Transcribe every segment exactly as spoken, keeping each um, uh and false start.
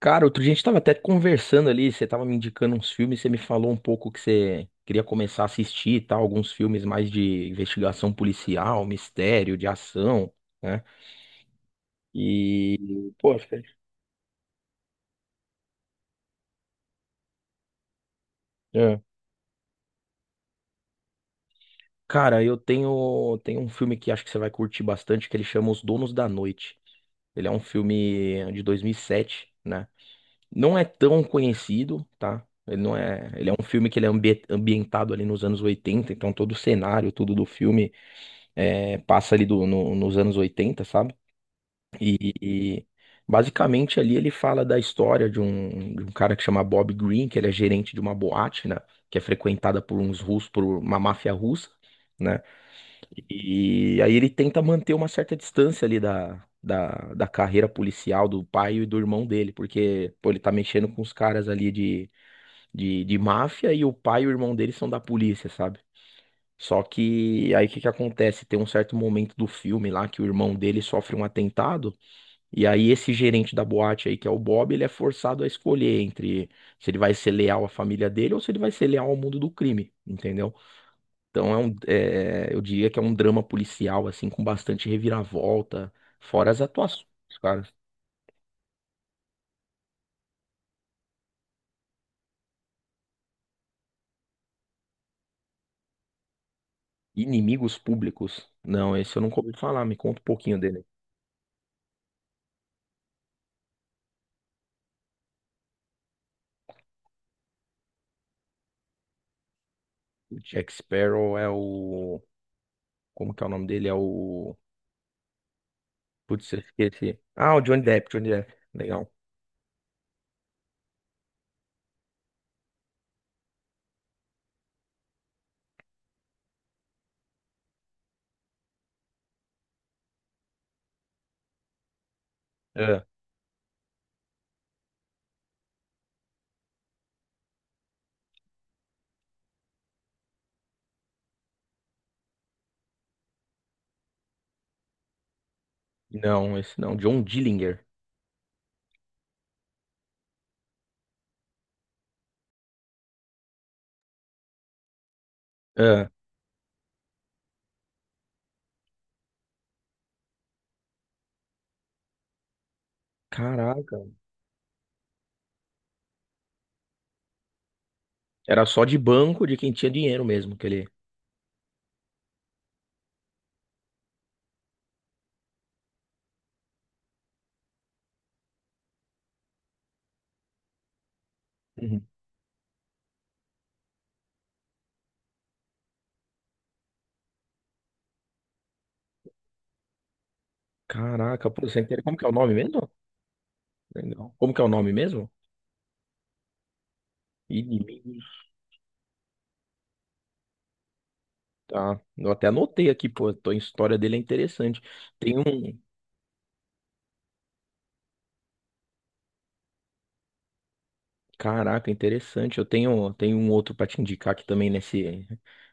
Cara, outro dia a gente tava até conversando ali, você tava me indicando uns filmes, você me falou um pouco que você queria começar a assistir e tal, alguns filmes mais de investigação policial, mistério, de ação, né? E, pô, fica- é. é. cara, eu tenho, tenho um filme que acho que você vai curtir bastante, que ele chama Os Donos da Noite. Ele é um filme de dois mil e sete, né? Não é tão conhecido, tá? Ele não é, ele é um filme que ele é ambi- ambientado ali nos anos oitenta, então todo o cenário, tudo do filme é, passa ali do- no- nos anos oitenta, sabe? E, e basicamente ali ele fala da história de um, de um cara que chama Bob Green, que ele é gerente de uma boate, né? Que é frequentada por uns russos, por uma máfia russa, né? E aí ele tenta manter uma certa distância ali da, da, da carreira policial do pai e do irmão dele, porque, pô, ele tá mexendo com os caras ali de, de, de máfia e o pai e o irmão dele são da polícia, sabe? Só que aí o que que acontece? Tem um certo momento do filme lá que o irmão dele sofre um atentado, e aí esse gerente da boate aí, que é o Bob, ele é forçado a escolher entre se ele vai ser leal à família dele ou se ele vai ser leal ao mundo do crime, entendeu? Então é um, é, eu diria que é um drama policial, assim, com bastante reviravolta, fora as atuações, cara. Inimigos Públicos. Não, esse eu nunca ouvi falar, me conta um pouquinho dele. O Jack Sparrow é o. Como que é o nome dele? É o. Putz, eu esqueci. Ah, o Johnny Depp, Johnny Depp. Legal. Ah, não, esse não. John Dillinger. Ah, caraca. Era só de banco de quem tinha dinheiro mesmo, que ele. Uhum. Caraca, pô, você entende como que é o nome mesmo? Legal. Como que é o nome mesmo? Inimigos. Tá. Eu até anotei aqui, pô. tô- A história dele é interessante. Tem um. Caraca, interessante. Eu tenho, tenho um outro para te indicar aqui também nesse,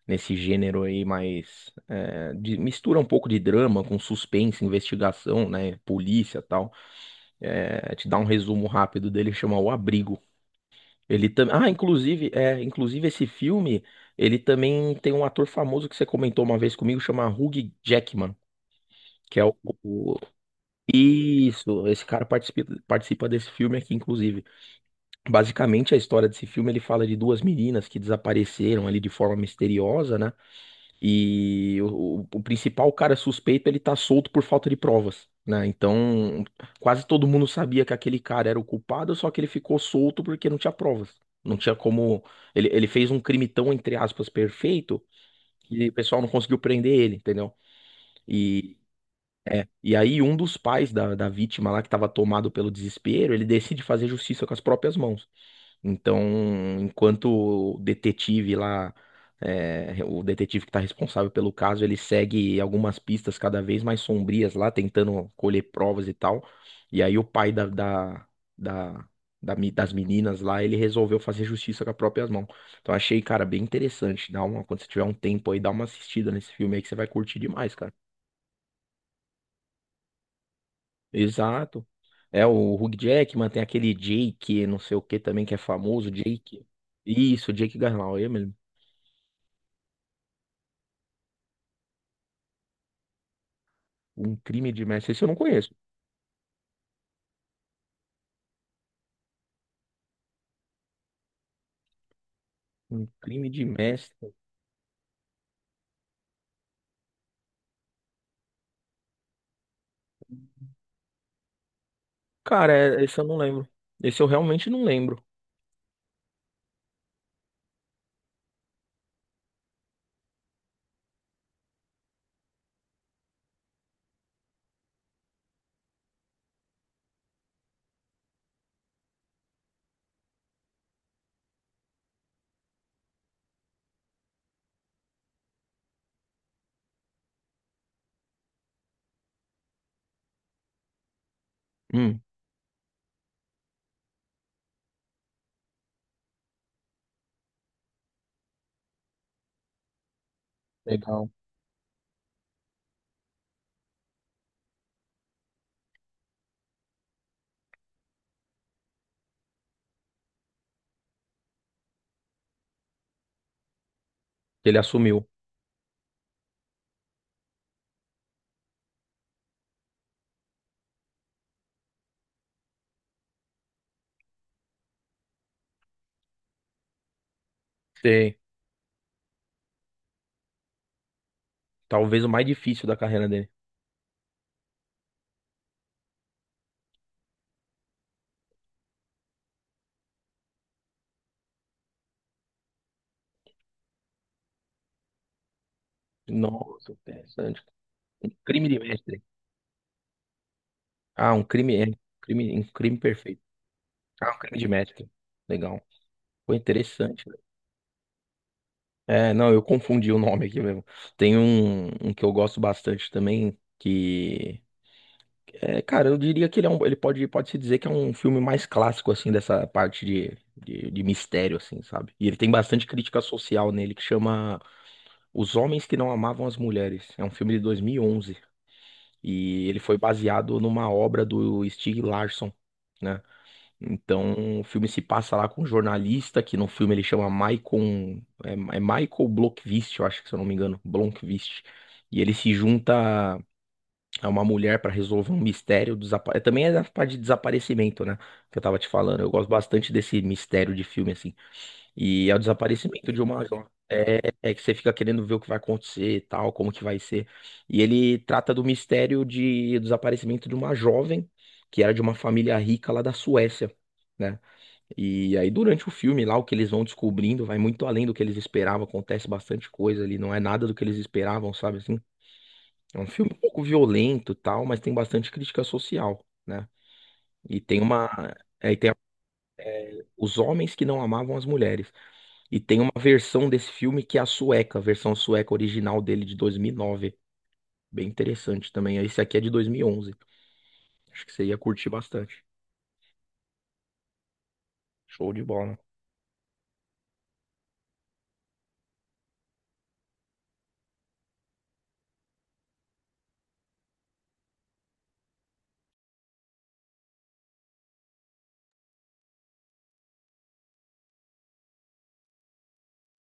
nesse gênero aí, mas é, de- mistura um pouco de drama com suspense, investigação, né? Polícia e tal. É, te dar um resumo rápido dele, chama O Abrigo. Ele também. Ah, inclusive, é, inclusive esse filme, ele também tem um ator famoso que você comentou uma vez comigo, chama Hugh Jackman, que é o... o- Isso, esse cara participa, participa desse filme aqui, inclusive. Basicamente, a história desse filme, ele fala de duas meninas que desapareceram ali de forma misteriosa, né? E o, o- o principal cara suspeito, ele tá solto por falta de provas, né? Então, quase todo mundo sabia que aquele cara era o culpado, só que ele ficou solto porque não tinha provas. Não tinha como... Ele, ele fez um crime tão, entre aspas, perfeito, que o pessoal não conseguiu prender ele, entendeu? E e aí, um dos pais da, da vítima lá, que estava tomado pelo desespero, ele decide fazer justiça com as próprias mãos. Então, enquanto o detetive lá, é, o detetive que está responsável pelo caso, ele segue algumas pistas cada vez mais sombrias lá, tentando colher provas e tal. E aí, o pai da, da, da- da me- das meninas lá, ele resolveu fazer justiça com as próprias mãos. Então, achei, cara, bem interessante. Dá uma, quando você tiver um tempo aí, dá uma assistida nesse filme aí que você vai curtir demais, cara. Exato. É o Hugh Jackman, tem aquele Jake, não sei o que também, que é famoso, Jake. Isso, Jake Gyllenhaal, é mesmo. Um crime de mestre. Esse eu não conheço. Um crime de mestre. Cara, é- esse eu não lembro. Esse eu realmente não lembro. Hum, legal. Ele assumiu. Tem. Talvez o mais difícil da carreira dele. Nossa, interessante. Crime de mestre. Ah, um crime, é. Crime, um crime perfeito. Ah, um crime de mestre. Legal. Foi interessante. É, não, eu confundi o nome aqui mesmo. Tem um, um que eu gosto bastante também, que é, cara, eu diria que ele é um, ele pode, pode se dizer que é um filme mais clássico assim dessa parte de, de, de mistério assim, sabe? E ele tem bastante crítica social nele que chama Os Homens que Não Amavam as Mulheres. É um filme de dois mil e onze e onze e ele foi baseado numa obra do Stieg Larsson. Né? Então, o filme se passa lá com um jornalista, que no filme ele chama Michael, é, é Michael Blomkvist, eu acho que se eu não me engano, Blomkvist. E ele se junta a uma mulher para resolver um mistério, desapa- é, também é da parte de desaparecimento, né, que eu tava te falando. Eu gosto bastante desse mistério de filme, assim. E é o desaparecimento de uma... É, é que você fica querendo ver o que vai acontecer e tal, como que vai ser. E ele trata do mistério de do desaparecimento de uma jovem, que era de uma família rica lá da Suécia, né? E aí, durante o filme lá, o que eles vão descobrindo vai muito além do que eles esperavam, acontece bastante coisa ali, não é nada do que eles esperavam, sabe assim? É um filme um pouco violento, e tal, mas tem bastante crítica social, né? E tem uma aí tem a- os homens que não amavam as mulheres. E tem uma versão desse filme que é a sueca, a versão sueca original dele de dois mil e nove, bem interessante também. Esse aqui é de dois mil e onze. Acho que você ia curtir bastante. Show de bola.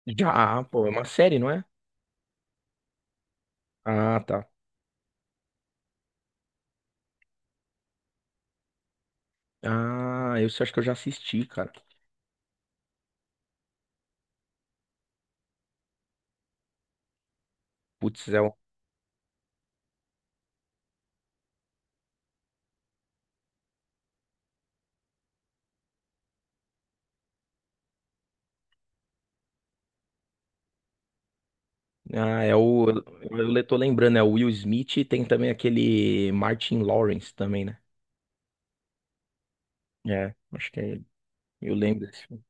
Já, pô, é uma série, não é? Ah, tá. Ah, eu acho que eu já assisti, cara. Putz, é o. Ah, é o. Eu eu tô lembrando, é o Will Smith e tem também aquele Martin Lawrence também, né? É, acho que é ele. Eu lembro desse filme.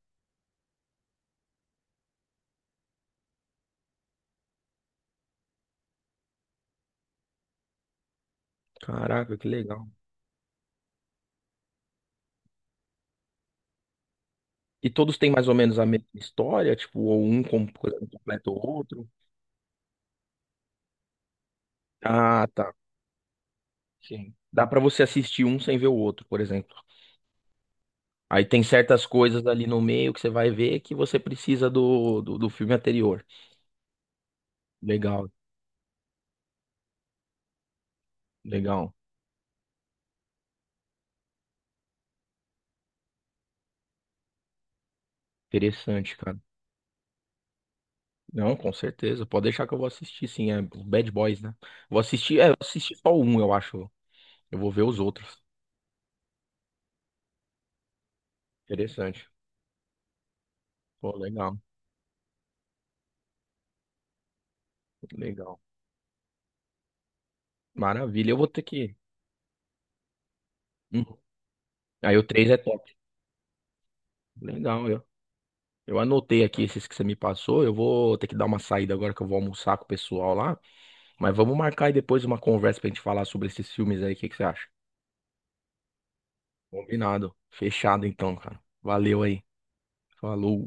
Caraca, que legal. E todos têm mais ou menos a mesma história, tipo, ou um com- completa o outro. Ah, tá. Sim. Dá pra você assistir um sem ver o outro, por exemplo. Aí tem certas coisas ali no meio que você vai ver que você precisa do, do, do filme anterior. Legal, legal. Interessante, cara. Não, com certeza. Pode deixar que eu vou assistir, sim. É os Bad Boys, né? Vou assistir, é, eu assisti só um, eu acho. Eu vou ver os outros. Interessante. Pô, legal, legal. Maravilha. Eu vou ter que. Hum. Aí o três é top. Legal, eu. Eu anotei aqui esses que você me passou. Eu vou ter que dar uma saída agora que eu vou almoçar com o pessoal lá. Mas vamos marcar aí depois uma conversa pra gente falar sobre esses filmes aí. O que que você acha? Combinado. Fechado então, cara. Valeu aí. Falou.